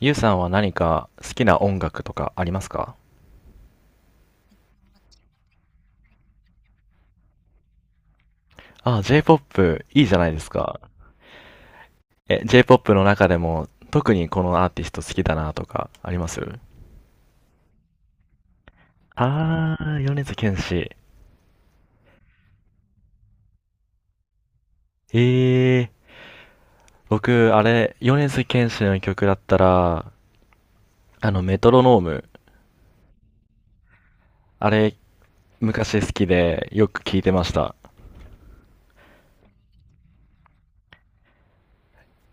ゆうさんは何か好きな音楽とかありますか？あ、J-POP いいじゃないですか。え、J-POP の中でも特にこのアーティスト好きだなとかあります？あー、米津玄師。えー、僕、あれ、米津玄師の曲だったら、あの、メトロノーム。あれ、昔好きでよく聴いてました。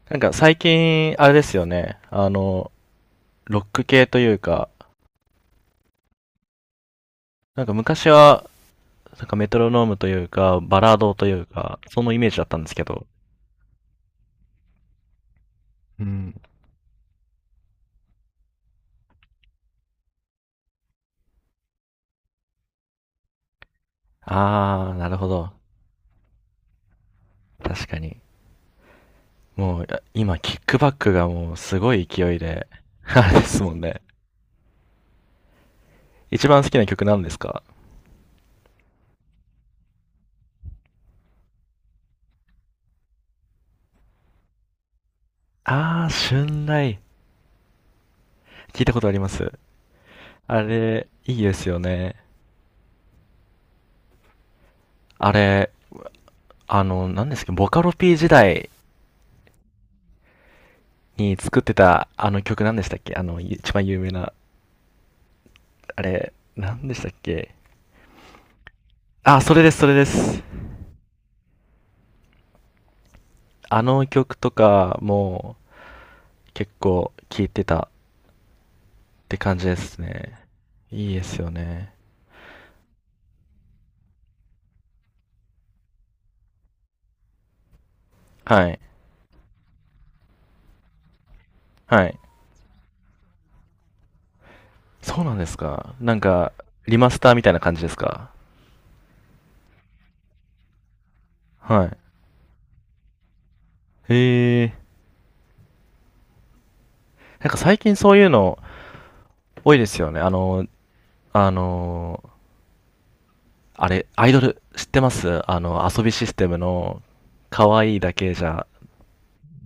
なんか最近、あれですよね。あの、ロック系というか、なんか昔はなんかメトロノームというか、バラードというか、そのイメージだったんですけど。うん。あー、なるほど。確かに。もう、いや今、キックバックがもうすごい勢いで、あれですもんね。一番好きな曲なんですか？あー、春雷。聞いたことあります。あれ、いいですよね。あれ、あの、何ですか、ボカロ P 時代に作ってた、あの曲何でしたっけ、あの、一番有名な、あれ、何でしたっけ？あ、それです、それです。あの曲とかも結構聴いてたって感じですね。いいですよね。はい。はい。そうなんですか。なんか、リマスターみたいな感じですか。はい。へえ。なんか最近そういうの多いですよね。あの、あの、あれ、アイドル知ってます？あの、遊びシステムの、可愛いだけじゃ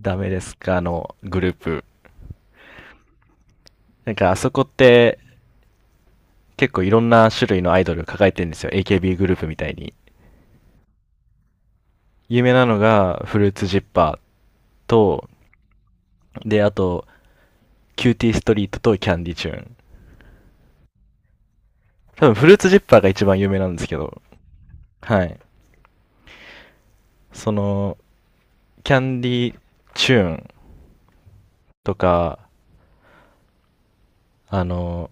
ダメですかのグループ。なんかあそこって結構いろんな種類のアイドル抱えてるんですよ。AKB グループみたいに。有名なのがフルーツジッパーと、で、あと、キューティーストリートとキャンディチューン。多分フルーツジッパーが一番有名なんですけど、はい。その、キャンディチューンとか、あの、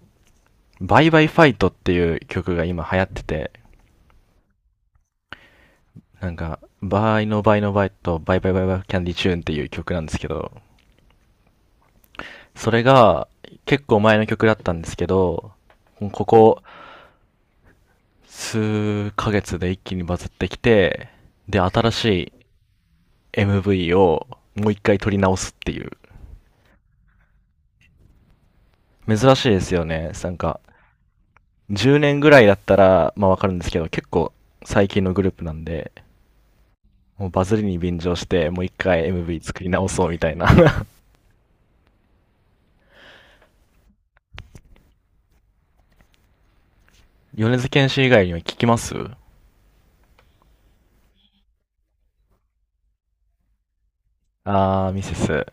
バイバイファイトっていう曲が今流行ってて、なんか、バイのバイのバイとバイバイバイバイキャンディチューンっていう曲なんですけど、それが結構前の曲だったんですけど、ここ数ヶ月で一気にバズってきて、で、新しい MV をもう一回撮り直すっていう。珍しいですよね。なんか、10年ぐらいだったら、まあわかるんですけど、結構最近のグループなんで、もうバズりに便乗して、もう一回 MV 作り直そうみたいな。米津玄師以外には聞きます？あー、ミセス。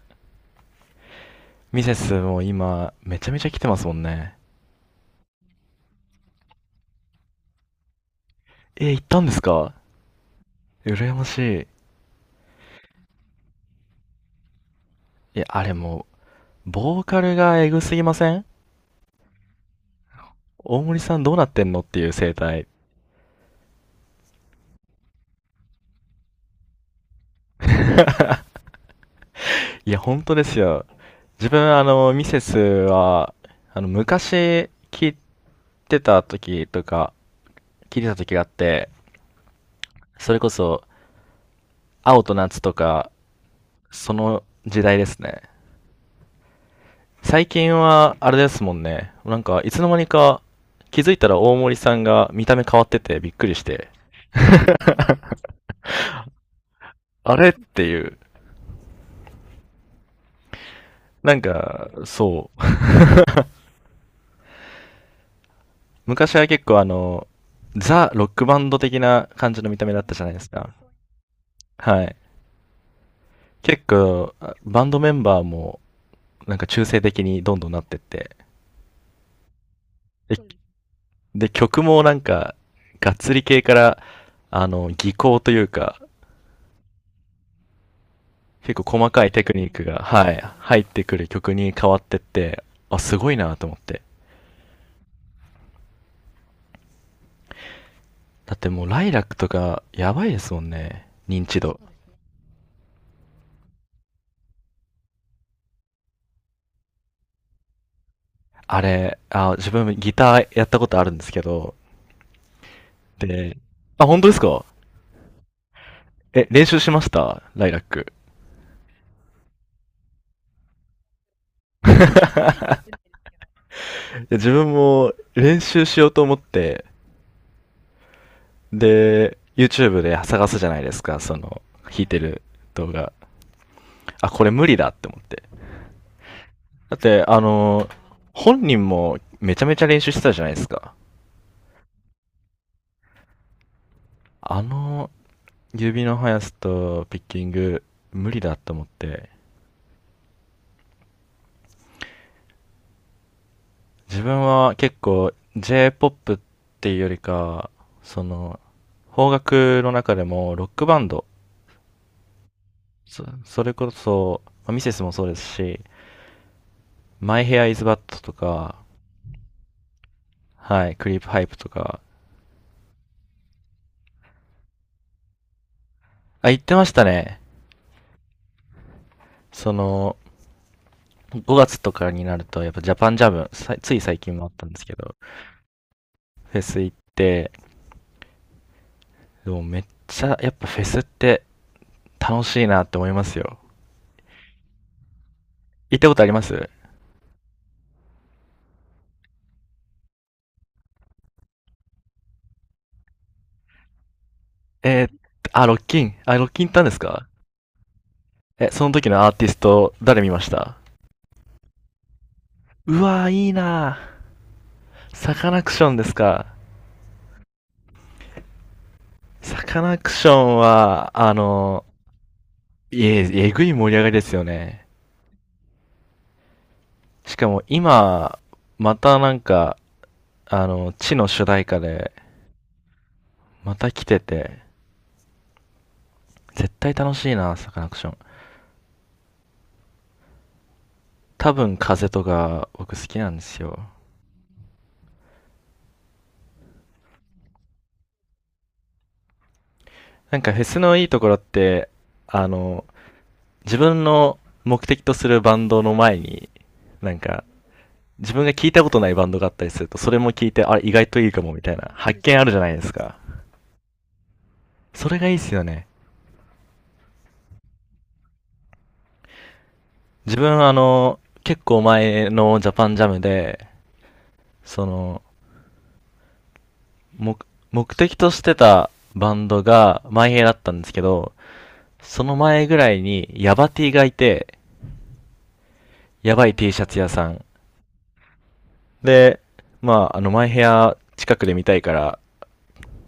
ミセスも今、めちゃめちゃ来てますもんね。えー、行ったんですか？羨ましい。いや、あれもう、ボーカルがエグすぎません？大森さんどうなってんのっていう生態。いや、本当ですよ。自分、あの、ミセスは、あの、昔聞いてた時とか、聞いてた時があって、それこそ、青と夏とか、その時代ですね。最近は、あれですもんね。なんか、いつの間にか、気づいたら大森さんが見た目変わっててびっくりして、あれっていう。なんか、そう。昔は結構あの、ザ・ロックバンド的な感じの見た目だったじゃないですか。はい。結構、あバンドメンバーも、なんか中性的にどんどんなってって、でで曲もなんか、がっつり系から、あの、技巧というか、結構細かいテクニックが、はい、入ってくる曲に変わってって、あ、すごいなと思って。だってもう、ライラックとか、やばいですもんね、認知度。あれ、あ、自分ギターやったことあるんですけど、で、あ、本当ですか？え、練習しましたライラック。で自分も練習しようと思って、で、YouTube で探すじゃないですか、その、弾いてる動画。あ、これ無理だって思って。だって、あの、本人もめちゃめちゃ練習してたじゃないですか。あの、指の速さとピッキング、無理だって思って。自分は結構、J-POP っていうよりか、その、邦楽の中でもロックバンド、それこそ、まあミセスもそうですし、My Hair is Bad とか、はい、クリープハイプとか、あ、言ってましたね。その、5月とかになると、やっぱジャパンジャム、さつい最近もあったんですけど、フェス行って、でもめっちゃ、やっぱフェスって楽しいなって思いますよ。行ったことあります？えー、あ、ロッキン。あ、ロッキン行ったんですか？え、その時のアーティスト、誰見ました？うわー、いいなー。サカナクションですか。サカナクションは、あの、え、えぐい盛り上がりですよね。しかも今、またなんか、あの、地の主題歌で、また来てて、絶対楽しいな、サカナクション。多分風とか、僕好きなんですよ。なんかフェスのいいところって、あの、自分の目的とするバンドの前に、なんか、自分が聞いたことないバンドがあったりすると、それも聞いて、あれ意外といいかも、みたいな、発見あるじゃないですか。それがいいっすよね。自分あの、結構前のジャパンジャムで、その、目、目的としてたバンドが、マイヘイだったんですけど、その前ぐらいに、ヤバ T がいて、ヤバい T シャツ屋さん。で、まあ、あの、マイヘア近くで見たいから、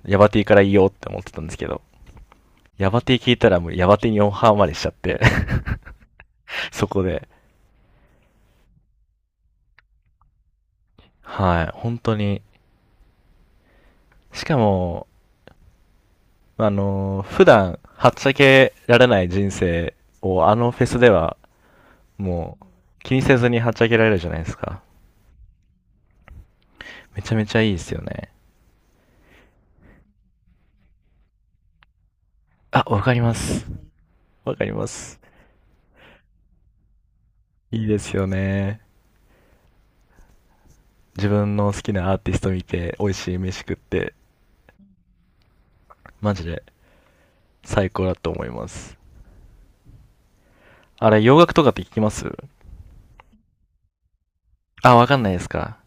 ヤバ T からいいよって思ってたんですけど、ヤバ T 聞いたらもうヤバ T にオンハーまでしちゃって そこで。はい、本当に。しかも、あのー普段、はっちゃけられない人生を、あのフェスでは、もう、気にせずにはっちゃけられるじゃないですか。めちゃめちゃいいですよね。あ、わかります。わかります。いいですよね。自分の好きなアーティスト見て、美味しい飯食って、マジで最高だと思います。あれ、洋楽とかって聞きます？あ、わかんないですか。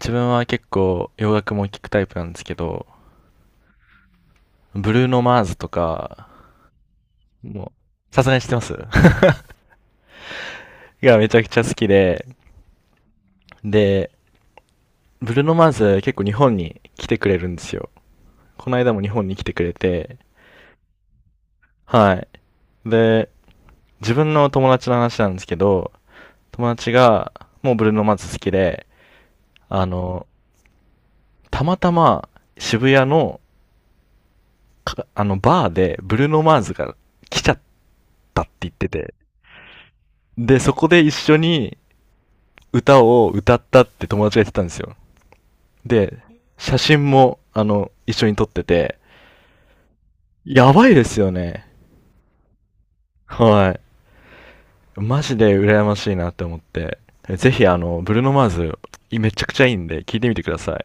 自分は結構洋楽も聞くタイプなんですけど、ブルーノ・マーズとか、もう、さすがに知ってます がめちゃくちゃ好きで、で、ブルーノ・マーズ結構日本に来てくれるんですよ。この間も日本に来てくれて、はい。で、自分の友達の話なんですけど、友達が、もうブルーノマーズ好きで、あの、たまたま渋谷の、あの、バーでブルーノマーズが来ちゃったって言ってて、で、そこで一緒に歌を歌ったって友達が言ってたんですよ。で、写真も、あの、一緒に撮ってて、やばいですよね。はい。マジで羨ましいなって思って。ぜひ、あの、ブルーノマーズ、めちゃくちゃいいんで、聞いてみてください。